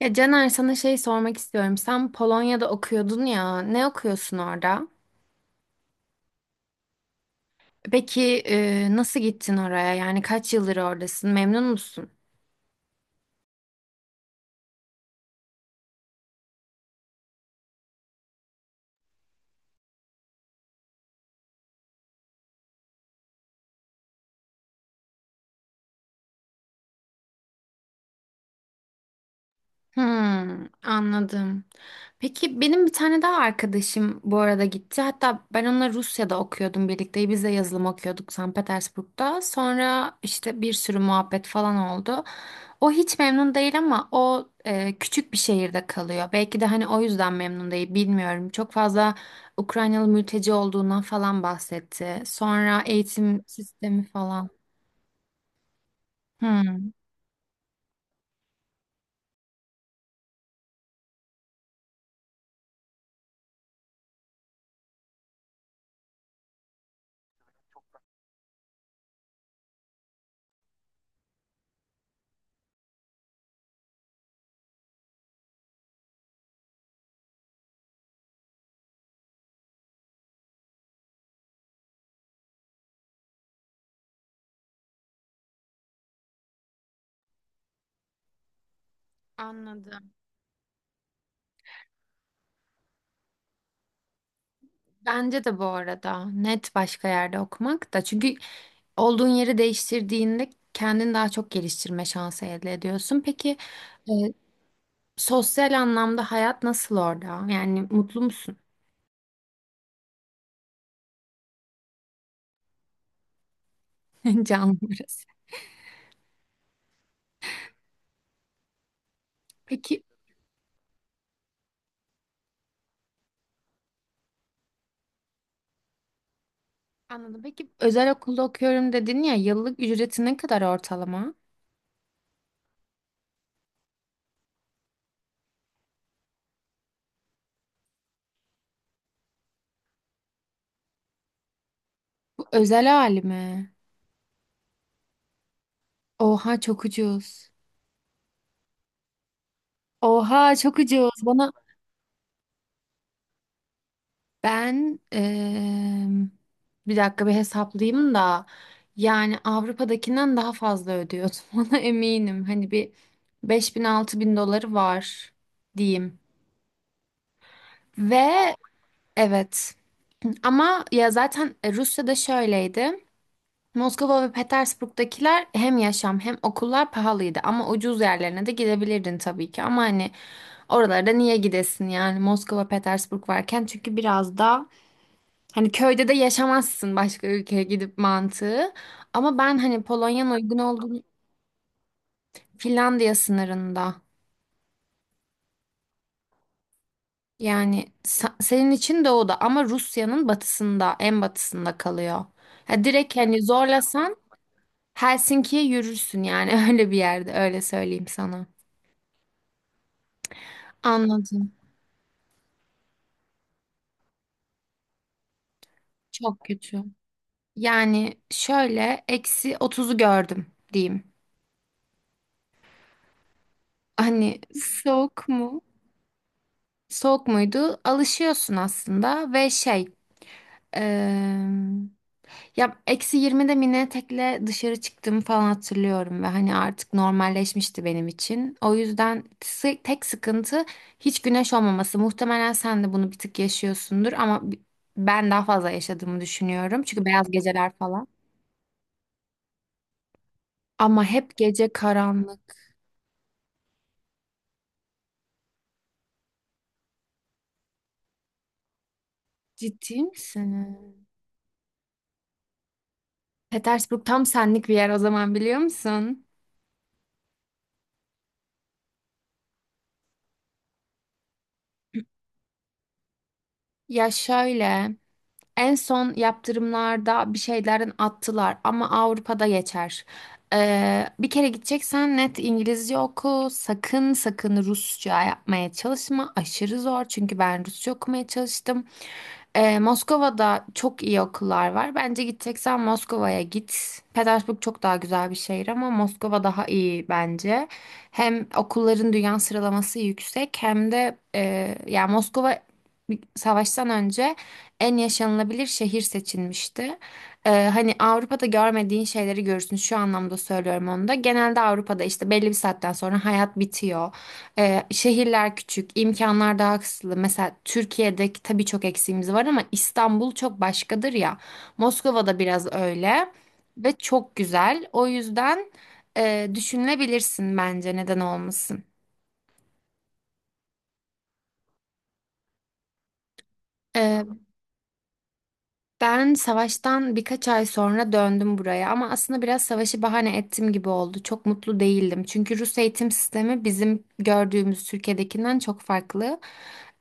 Ya Caner sana şey sormak istiyorum. Sen Polonya'da okuyordun ya. Ne okuyorsun orada? Peki nasıl gittin oraya? Yani kaç yıldır oradasın? Memnun musun? Hmm, anladım. Peki benim bir tane daha arkadaşım bu arada gitti. Hatta ben onunla Rusya'da okuyordum birlikte. Biz de yazılım okuyorduk Sankt Petersburg'da. Sonra işte bir sürü muhabbet falan oldu. O hiç memnun değil ama o küçük bir şehirde kalıyor. Belki de hani o yüzden memnun değil, bilmiyorum. Çok fazla Ukraynalı mülteci olduğundan falan bahsetti. Sonra eğitim sistemi falan. Hmm. Anladım. Bence de, bu arada, net başka yerde okumak da, çünkü olduğun yeri değiştirdiğinde kendini daha çok geliştirme şansı elde ediyorsun. Peki, e, sosyal anlamda hayat nasıl orada? Yani mutlu musun? Canlı burası. Peki anladım. Peki, özel okulda okuyorum dedin ya, yıllık ücreti ne kadar ortalama? Bu özel hali mi? Oha, çok ucuz. Oha, çok ucuz. Bana, ben bir dakika bir hesaplayayım da, yani Avrupa'dakinden daha fazla ödüyordum ona eminim. Hani, bir 5000 bin doları var diyeyim. Ve evet, ama ya zaten Rusya'da şöyleydi. Moskova ve Petersburg'dakiler hem yaşam hem okullar pahalıydı, ama ucuz yerlerine de gidebilirdin tabii ki. Ama hani oralarda niye gidesin, yani Moskova, Petersburg varken, çünkü biraz da, hani köyde de yaşamazsın başka ülkeye gidip mantığı. Ama ben hani Polonya'nın uygun olduğu. Finlandiya sınırında. Yani senin için doğuda ama Rusya'nın batısında, en batısında kalıyor. Ha, direkt hani zorlasan Helsinki'ye yürürsün yani öyle bir yerde, öyle söyleyeyim sana. Anladım. Çok kötü. Yani şöyle, eksi 30'u gördüm diyeyim. Hani soğuk mu? Soğuk muydu? Alışıyorsun aslında ve şey, Eee, ya eksi 20'de mini etekle dışarı çıktığımı falan hatırlıyorum ve hani artık normalleşmişti benim için. O yüzden tek sıkıntı, hiç güneş olmaması. Muhtemelen sen de bunu bir tık yaşıyorsundur ama ben daha fazla yaşadığımı düşünüyorum. Çünkü beyaz geceler falan. Ama hep gece karanlık. Ciddi misin? Petersburg tam senlik bir yer o zaman, biliyor musun? Ya şöyle. En son yaptırımlarda bir şeylerin attılar ama Avrupa'da geçer. Bir kere gideceksen net İngilizce oku. Sakın sakın Rusça yapmaya çalışma. Aşırı zor, çünkü ben Rusça okumaya çalıştım. Moskova'da çok iyi okullar var. Bence gideceksen Moskova'ya git. Petersburg çok daha güzel bir şehir ama Moskova daha iyi bence. Hem okulların dünya sıralaması yüksek hem de, yani Moskova, savaştan önce en yaşanılabilir şehir seçilmişti. Hani Avrupa'da görmediğin şeyleri görürsün. Şu anlamda söylüyorum onu da. Genelde Avrupa'da işte belli bir saatten sonra hayat bitiyor. Şehirler küçük, imkanlar daha kısıtlı. Mesela Türkiye'deki tabii çok eksiğimiz var ama İstanbul çok başkadır ya. Moskova'da biraz öyle ve çok güzel. O yüzden düşünülebilirsin bence, neden olmasın. Ee, Ben savaştan birkaç ay sonra döndüm buraya, ama aslında biraz savaşı bahane ettim gibi oldu. Çok mutlu değildim. Çünkü Rus eğitim sistemi bizim gördüğümüz Türkiye'dekinden çok farklı.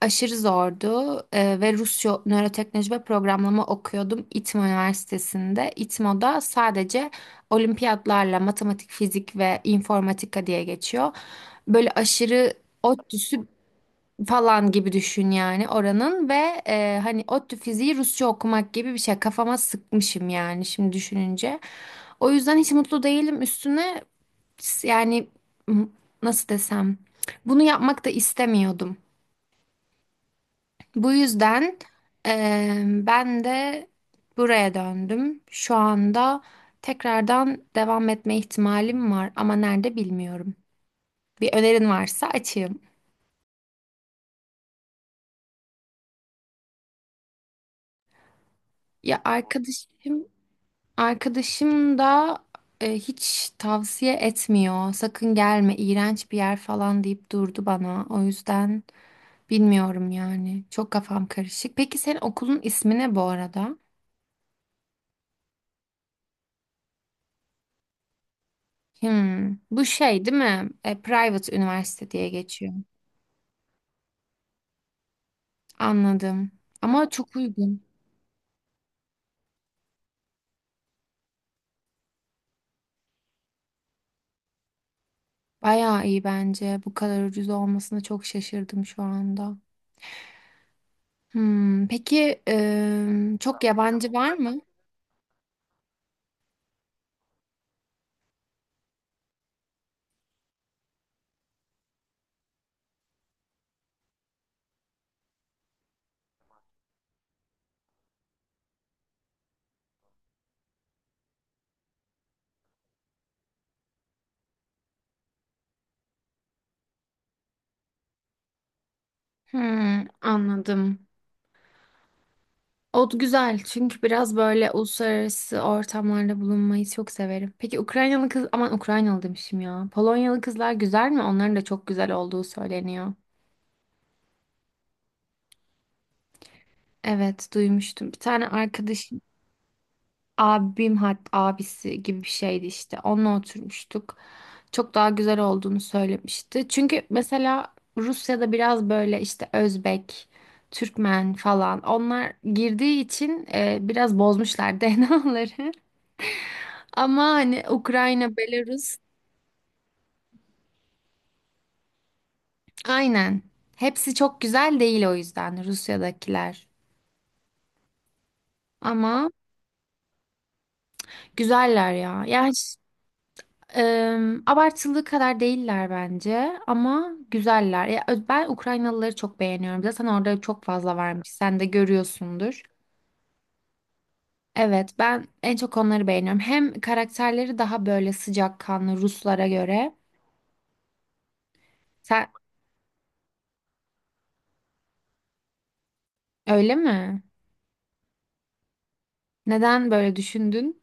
Aşırı zordu. Ve Rusya, nöroteknoloji ve programlama okuyordum İTMO Üniversitesi'nde. İTMO'da sadece olimpiyatlarla matematik, fizik ve informatika diye geçiyor. Böyle aşırı ODTÜ'sü falan gibi düşün yani oranın. Ve hani ODTÜ fiziği Rusça okumak gibi bir şey, kafama sıkmışım yani şimdi düşününce. O yüzden hiç mutlu değilim üstüne. Yani m- nasıl desem, bunu yapmak da istemiyordum. Bu yüzden ben de buraya döndüm. Şu anda tekrardan devam etme ihtimalim var ama nerede, bilmiyorum. Bir önerin varsa açığım. Ya arkadaşım Arkadaşım da hiç tavsiye etmiyor. Sakın gelme, iğrenç bir yer falan deyip durdu bana. O yüzden bilmiyorum yani. Çok kafam karışık. Peki senin okulun ismi ne bu arada? Hmm, bu şey değil mi? Private üniversite diye geçiyor. Anladım. Ama çok uygun. Bayağı iyi bence. Bu kadar ucuz olmasına çok şaşırdım şu anda. Hmm, peki çok yabancı var mı? Hmm, anladım. O güzel çünkü biraz böyle uluslararası ortamlarda bulunmayı çok severim. Peki Ukraynalı kız, aman, Ukraynalı demişim ya, Polonyalı kızlar güzel mi? Onların da çok güzel olduğu söyleniyor. Evet, duymuştum. Bir tane arkadaşım, abim hat abisi gibi bir şeydi işte, onunla oturmuştuk. Çok daha güzel olduğunu söylemişti. Çünkü mesela Rusya'da biraz böyle işte Özbek, Türkmen falan onlar girdiği için biraz bozmuşlar DNA'ları. Ama hani Ukrayna, Belarus, aynen. Hepsi çok güzel değil o yüzden Rusya'dakiler. Ama güzeller ya. Yani hiç, abartılı kadar değiller bence, ama güzeller. Ya, ben Ukraynalıları çok beğeniyorum. Zaten orada çok fazla varmış. Sen de görüyorsundur. Evet, ben en çok onları beğeniyorum. Hem karakterleri daha böyle sıcakkanlı Ruslara göre. Sen, öyle mi? Neden böyle düşündün?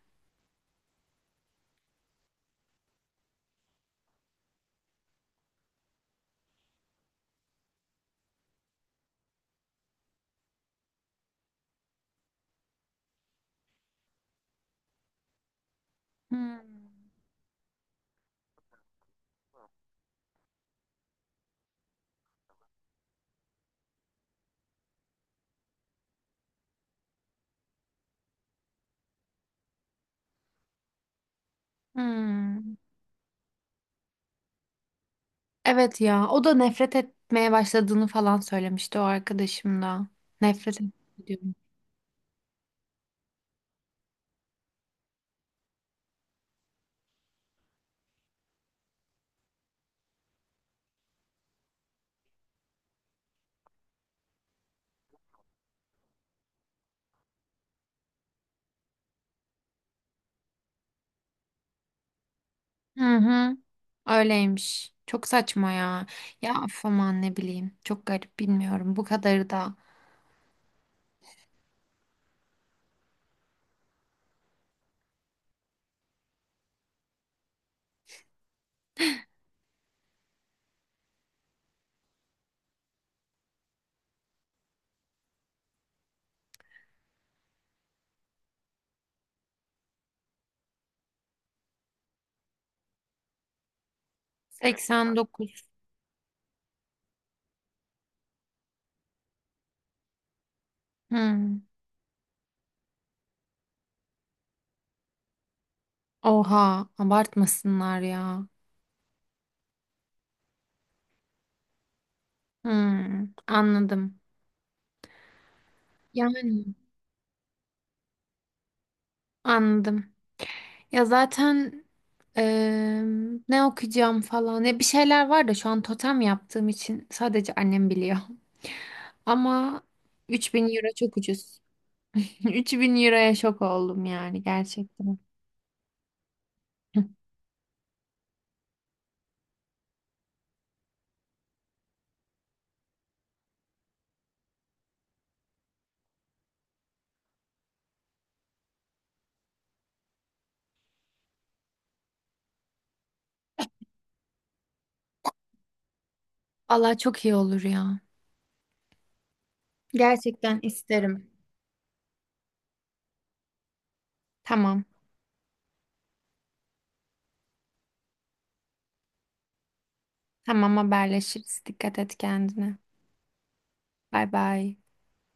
Hmm. Hmm. Evet ya, o da nefret etmeye başladığını falan söylemişti o arkadaşım da. Nefret ediyorum. Hı hı, öyleymiş. Çok saçma ya. Ya, of, aman, ne bileyim. Çok garip, bilmiyorum. Bu kadarı da. 89. Hı. Oha, abartmasınlar ya. Hı, anladım. Yani, anladım. Ya zaten eee, ne okuyacağım falan. Ya bir şeyler var da şu an totem yaptığım için sadece annem biliyor. Ama 3000 euro çok ucuz. 3000 euroya şok oldum yani, gerçekten. Allah, çok iyi olur ya. Gerçekten isterim. Tamam. Tamam, haberleşiriz. Dikkat et kendine. Bay bay.